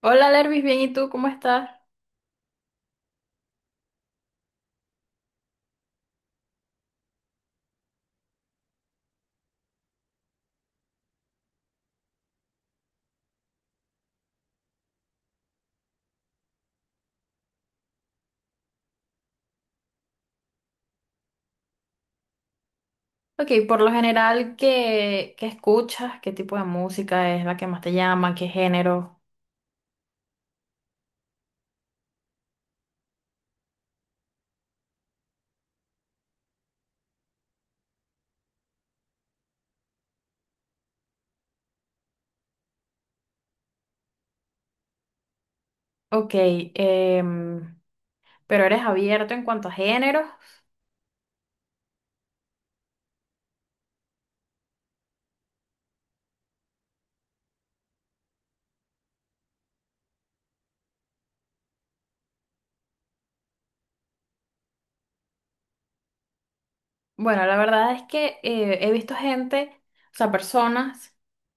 Hola, Lervis, bien, ¿y tú cómo estás? Ok, por lo general, ¿qué escuchas? ¿Qué tipo de música es la que más te llama? ¿Qué género? Ok, em, pero eres abierto en cuanto a géneros. Bueno, la verdad es que he visto gente, o sea, personas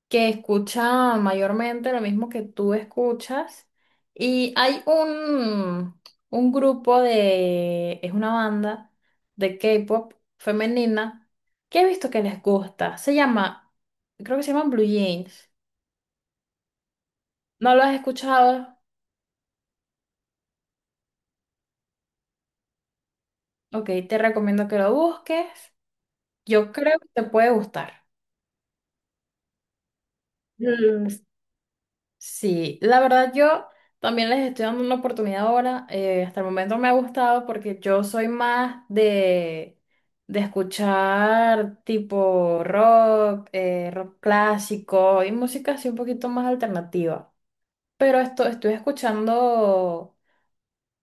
que escuchan mayormente lo mismo que tú escuchas. Y hay un grupo de, es una banda de K-pop femenina que he visto que les gusta. Se llama, creo que se llaman Blue Jeans. ¿No lo has escuchado? Ok, te recomiendo que lo busques. Yo creo que te puede gustar. Mm, sí, la verdad yo también les estoy dando una oportunidad ahora. Hasta el momento me ha gustado porque yo soy más de escuchar tipo rock, rock clásico y música así un poquito más alternativa. Pero esto estoy escuchando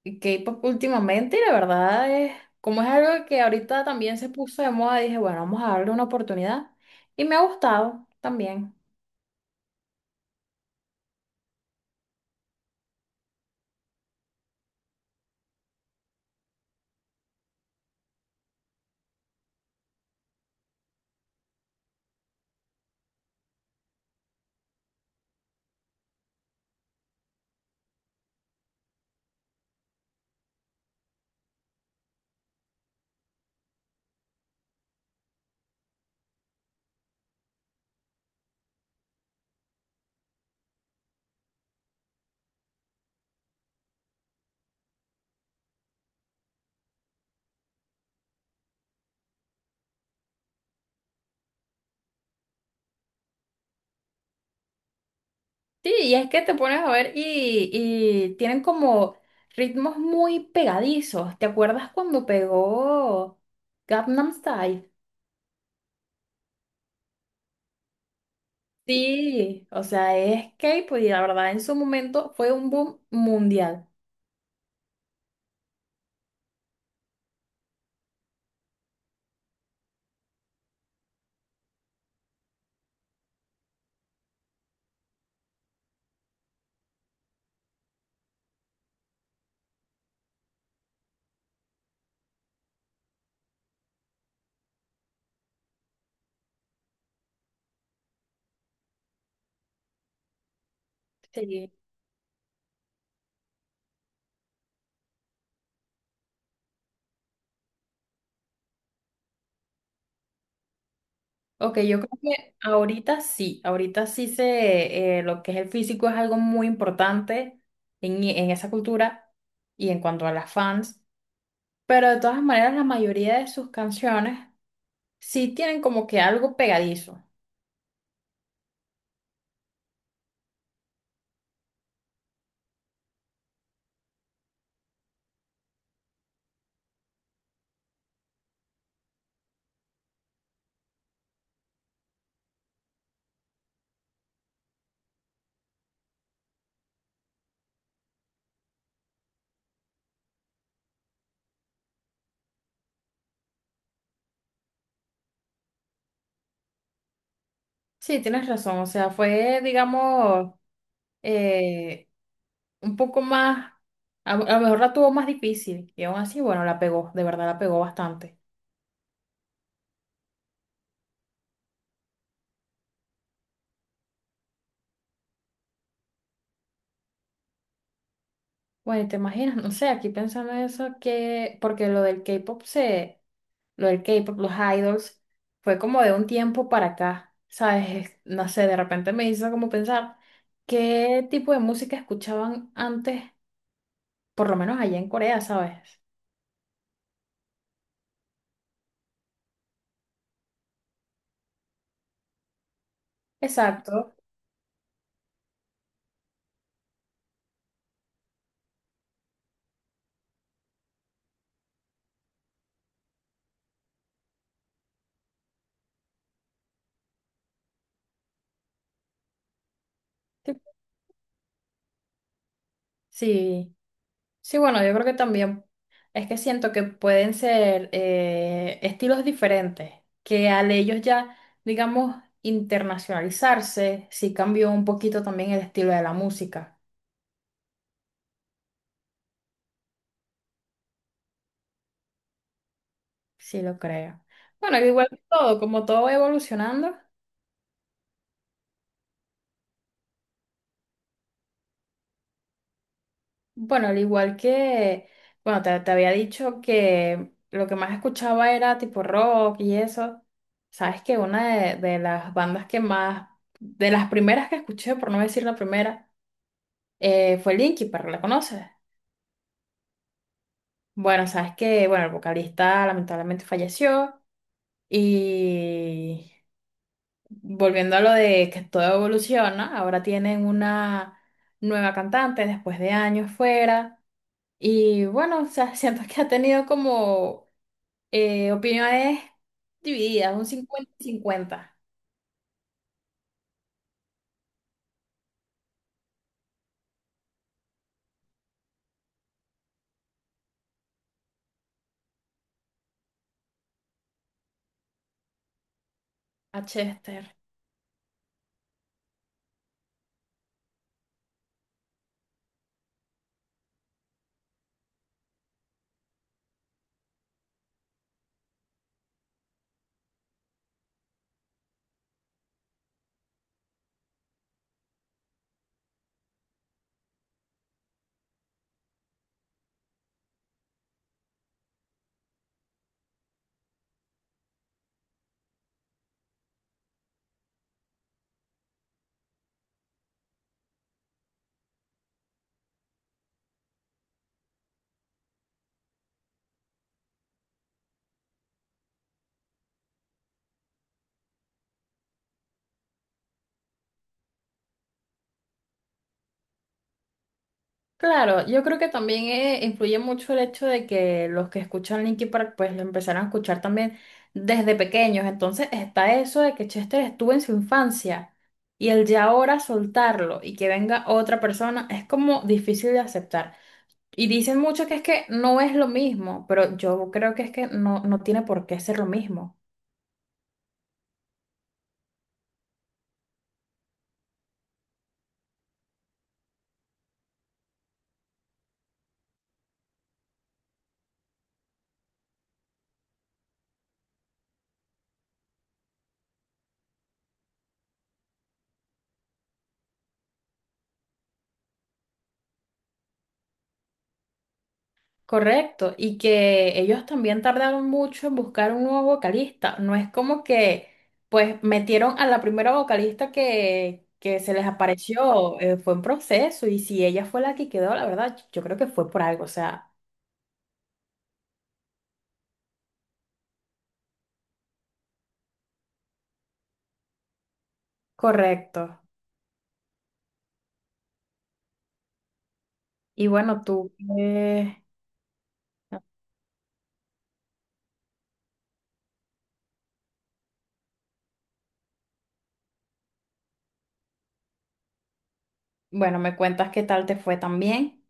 K-pop últimamente y la verdad es, como es algo que ahorita también se puso de moda, dije, bueno, vamos a darle una oportunidad y me ha gustado también. Sí, y es que te pones a ver y tienen como ritmos muy pegadizos. ¿Te acuerdas cuando pegó Gangnam Style? Sí, o sea, es K-pop y la verdad en su momento fue un boom mundial. Sí. Ok, yo creo que ahorita sí lo que es el físico es algo muy importante en esa cultura y en cuanto a las fans, pero de todas maneras la mayoría de sus canciones sí tienen como que algo pegadizo. Sí, tienes razón. O sea, fue, digamos, eh, un poco más, a lo mejor la tuvo más difícil. Y aún así, bueno, la pegó, de verdad la pegó bastante. Bueno, ¿te imaginas? No sé, aquí pensando en eso, que, porque lo del K-pop, los idols, fue como de un tiempo para acá, ¿sabes? Es- No sé, de repente me hizo como pensar qué tipo de música escuchaban antes, por lo menos allá en Corea, ¿sabes? Exacto. Sí. Sí, bueno, yo creo que también es que siento que pueden ser estilos diferentes, que al ellos ya, digamos, internacionalizarse, sí cambió un poquito también el estilo de la música, sí lo creo. Bueno, al igual que todo, como todo va evolucionando, bueno, al igual que, bueno, te había dicho que lo que más escuchaba era tipo rock y eso. Sabes que una de las bandas que más, de las primeras que escuché, por no decir la primera, fue Linky, pero ¿la conoces? Bueno, sabes que, bueno, el vocalista lamentablemente falleció y, volviendo a lo de que todo evoluciona, ahora tienen una nueva cantante después de años fuera y bueno, o sea, siento que ha tenido como opiniones divididas, un 50 cincuenta. A Chester. Claro, yo creo que también influye mucho el hecho de que los que escuchan Linkin Park pues lo empezaron a escuchar también desde pequeños. Entonces está eso de que Chester estuvo en su infancia y el ya ahora soltarlo y que venga otra persona es como difícil de aceptar. Y dicen mucho que es que no es lo mismo, pero yo creo que es que no, no tiene por qué ser lo mismo. Correcto, y que ellos también tardaron mucho en buscar un nuevo vocalista. No es como que, pues, metieron a la primera vocalista que se les apareció, fue un proceso, y si ella fue la que quedó, la verdad, yo creo que fue por algo, o sea, correcto. Y bueno, tú, eh, bueno, me cuentas qué tal te fue también.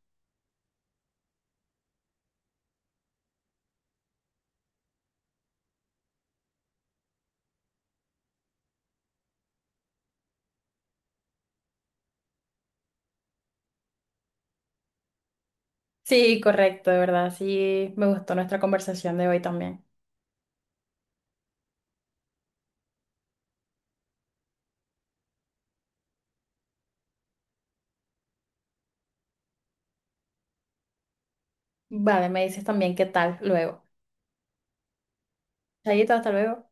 Sí, correcto, de verdad, sí, me gustó nuestra conversación de hoy también. Vale, me dices también qué tal luego. Chayito, hasta luego.